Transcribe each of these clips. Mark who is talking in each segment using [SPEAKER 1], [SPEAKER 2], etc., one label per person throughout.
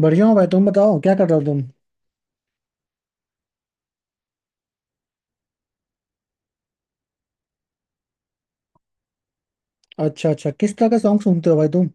[SPEAKER 1] बढ़िया हो भाई। तुम बताओ क्या कर रहे हो तुम? अच्छा अच्छा, किस तरह का सॉन्ग सुनते हो भाई तुम?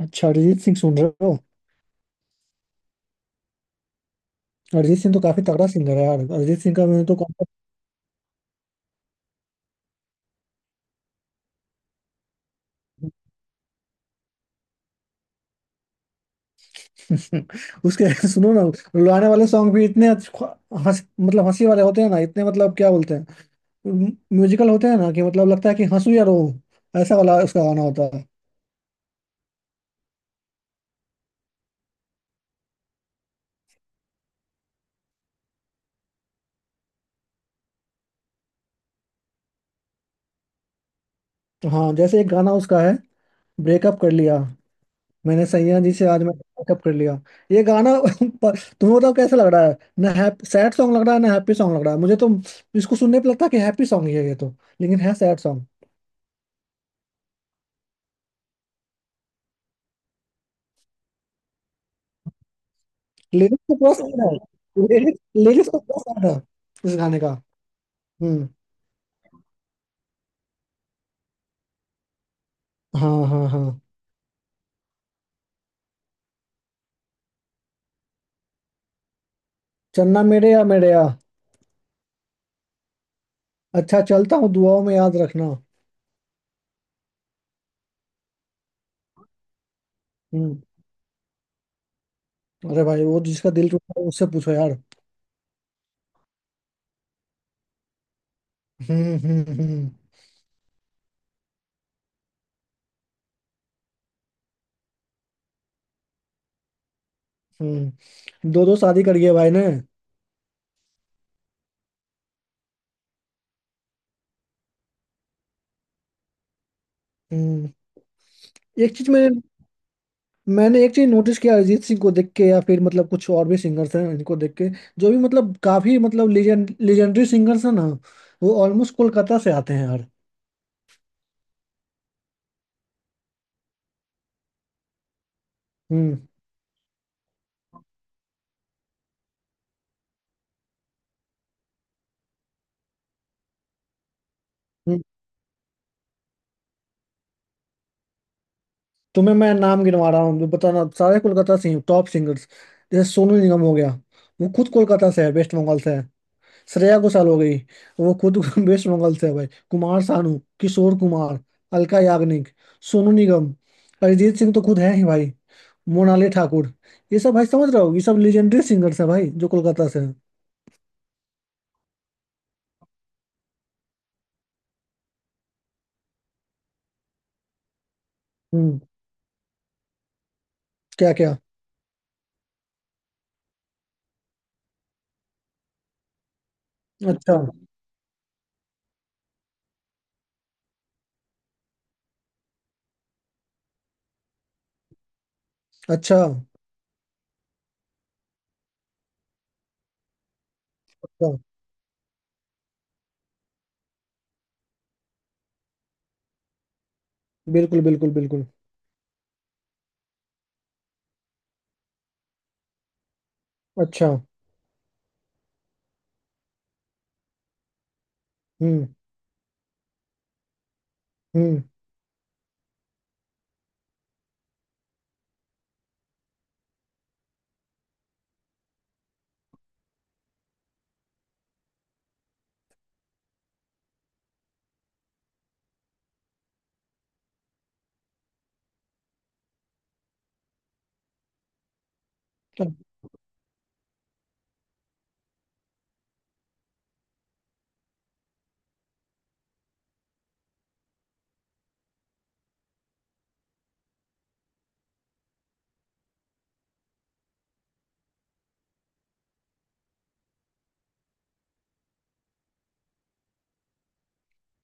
[SPEAKER 1] अच्छा, अरिजीत सिंह सुन रहे हो। अरिजीत सिंह तो काफी तगड़ा सिंगर है यार। अरिजीत सिंह का मैंने तो कॉन्सर्ट उसके सुनो ना। लुभाने वाले सॉन्ग भी इतने हंस, हंसी वाले होते हैं ना इतने, क्या बोलते हैं, म्यूजिकल होते हैं ना। कि लगता है कि हंसू या रो, ऐसा वाला उसका गाना होता है। तो हाँ, जैसे एक गाना उसका है, ब्रेकअप कर लिया मैंने सैया जी से आज मैं, अप कर लिया। ये गाना तुम्हें बताओ कैसा लग रहा है ना। हैप सैड सॉन्ग लग रहा है ना, हैप्पी सॉन्ग लग रहा है। मुझे तो इसको सुनने पे लगता है कि हैप्पी सॉन्ग ही है ये तो, लेकिन है सैड सॉन्ग। लिरिक्स तो पूरा सैड है। लिरिक्स लिरिक्स तो पूरा सैड है इस गाने का। हम्म। हाँ हाँ हाँ। चन्ना मेरे या मेरे या। अच्छा, चलता हूँ दुआओं में याद रखना। हम्म। अरे भाई, वो जिसका दिल टूटा है उससे पूछो यार। हम्म। हम्म, दो दो शादी करी है भाई ने। हम्म। एक चीज मैंने, मैंने एक चीज नोटिस किया अरिजीत सिंह को देख के, या फिर कुछ और भी सिंगर्स हैं इनको देख के, जो भी काफी लेजेंडरी सिंगर्स हैं ना, वो ऑलमोस्ट कोलकाता से आते हैं यार। हम्म। हम्म। तुम्हें मैं नाम गिनवा रहा हूँ, बताना, सारे कोलकाता से ही टॉप सिंगर्स। जैसे सोनू निगम हो गया, वो खुद कोलकाता से है, वेस्ट बंगाल से है। श्रेया घोषाल हो गई, वो खुद वेस्ट बंगाल से है भाई। कुमार सानू, किशोर कुमार, अलका याग्निक, सोनू निगम, अरिजीत सिंह तो खुद है ही भाई, मोनाली ठाकुर। ये सब भाई, समझ रहे हो, ये सब लेजेंडरी सिंगर्स हैं भाई जो कोलकाता से हैं। हम्म। क्या क्या? अच्छा। अच्छा। अच्छा। बिल्कुल बिल्कुल बिल्कुल। अच्छा। हम्म हम्म। अच्छा।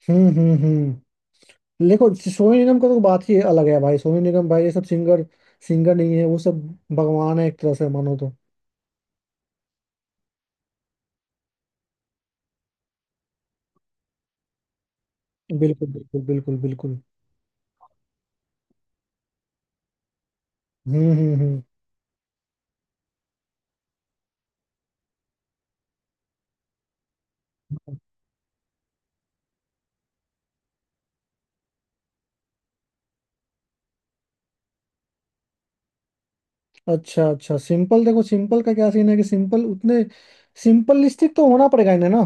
[SPEAKER 1] हम्म। देखो सोनू निगम का तो बात ही अलग है भाई। सोनू निगम, भाई ये सब सिंगर, सिंगर नहीं है वो सब, भगवान है एक तरह से मानो तो। बिल्कुल बिल्कुल बिल्कुल बिल्कुल। हम्म। अच्छा अच्छा, सिंपल, देखो सिंपल का क्या सीन है कि सिंपल, उतने सिंपलिस्टिक तो होना पड़ेगा इन्हें ना।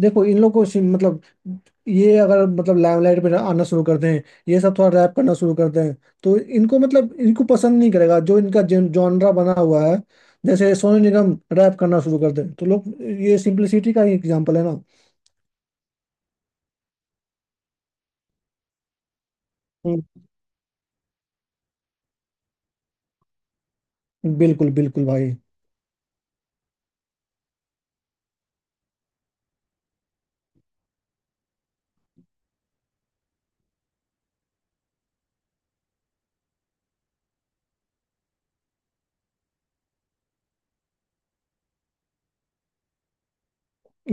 [SPEAKER 1] देखो इन लोग को ये अगर लाइमलाइट पे आना शुरू करते हैं, ये सब थोड़ा रैप करना शुरू करते हैं, तो इनको इनको पसंद नहीं करेगा जो इनका जॉनरा बना हुआ है। जैसे सोनू निगम रैप करना शुरू करते हैं तो लोग, ये सिंपलिसिटी का ही एग्जाम्पल है ना। हम्म, बिल्कुल बिल्कुल भाई।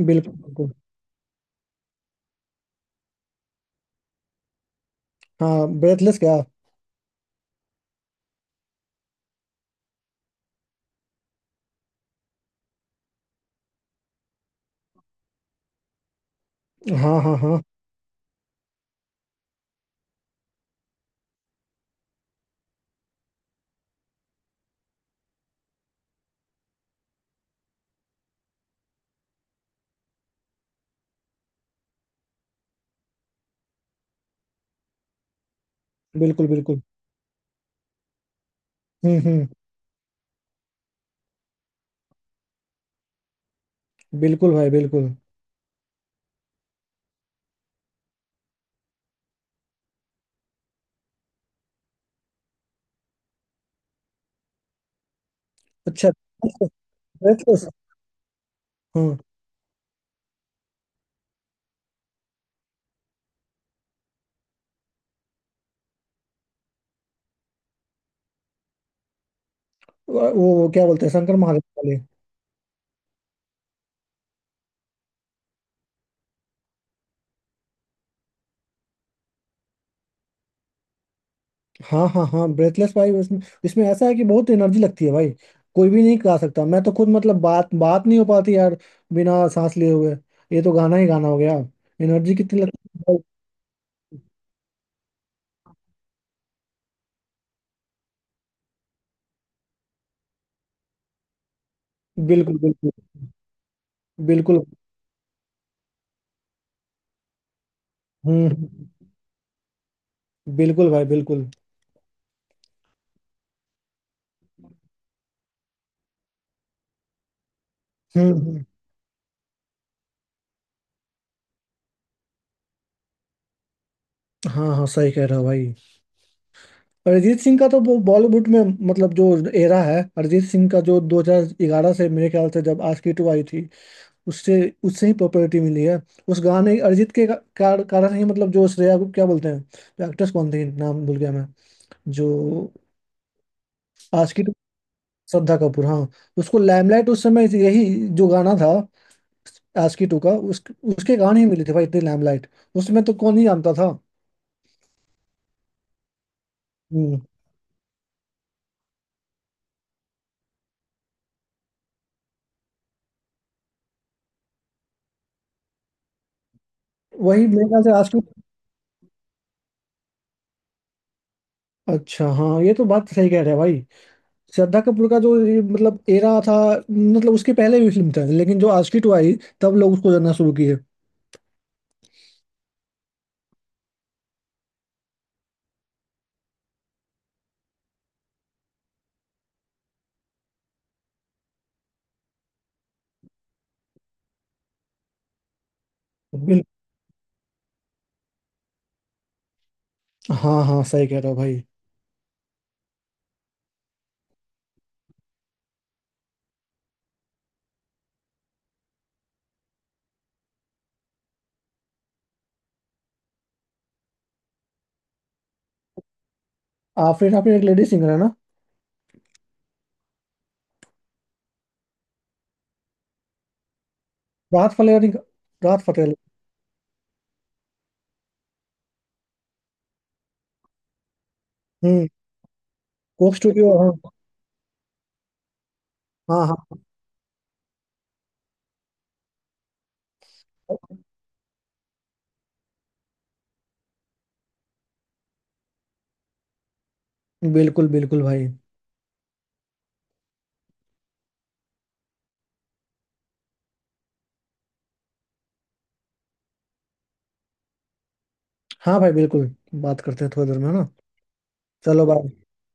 [SPEAKER 1] बिल्कुल बिल्कुल। हाँ, ब्रेथलेस क्या। हाँ हाँ हाँ। बिल्कुल बिल्कुल। हम्म। बिल्कुल भाई बिल्कुल। अच्छा, ब्रेथलेस। हाँ। वो क्या बोलते हैं, शंकर महादेव वाले। हाँ हाँ हाँ, ब्रेथलेस भाई। इसमें, इसमें ऐसा है कि बहुत एनर्जी लगती है भाई। कोई भी नहीं गा सकता। मैं तो खुद बात, बात नहीं हो पाती यार बिना सांस लिए हुए। ये तो गाना ही गाना हो गया। एनर्जी कितनी लगती है भाई। बिल्कुल बिल्कुल बिल्कुल। हम्म हम्म, बिल्कुल भाई बिल्कुल। हम्म हम्म, हाँ हाँ सही कह रहा भाई। अरिजीत सिंह का तो, वो बॉलीवुड में जो एरा है अरिजीत सिंह का, जो 2011 से, मेरे ख्याल से जब आशिकी टू आई थी, उससे उससे ही पॉपुलैरिटी मिली है। उस गाने अरिजीत के कारण ही, जो श्रेया को क्या बोलते हैं, जो एक्ट्रेस कौन थी, नाम भूल गया मैं, जो आशिकी टू, श्रद्धा कपूर हाँ। उसको लैमलाइट उस समय यही जो गाना था आशिकी टू का, उस उसके गाने ही मिले थे भाई, इतने लैमलाइट, उसमें तो कौन ही जानता था। हम्म, वही मेरे ख्याल से आशिकी। अच्छा हाँ, ये तो बात सही कह रहे हैं भाई। श्रद्धा कपूर का जो ये एरा था, उसके पहले भी फिल्म था, लेकिन जो आशिकी टू आई, तब लोग उसको जानना शुरू किए। बिल- हाँ हाँ, सही कह रहे हो भाई। आफरीन आफरीन एक लेडी सिंगर है ना। Rahat Fateh Ali. Rahat Fateh Ali. Hmm. Coke Studio हाँ। हाँ हाँ बिल्कुल बिल्कुल भाई। हाँ भाई बिल्कुल। बात करते हैं थोड़ी देर में, है ना। चलो बाय।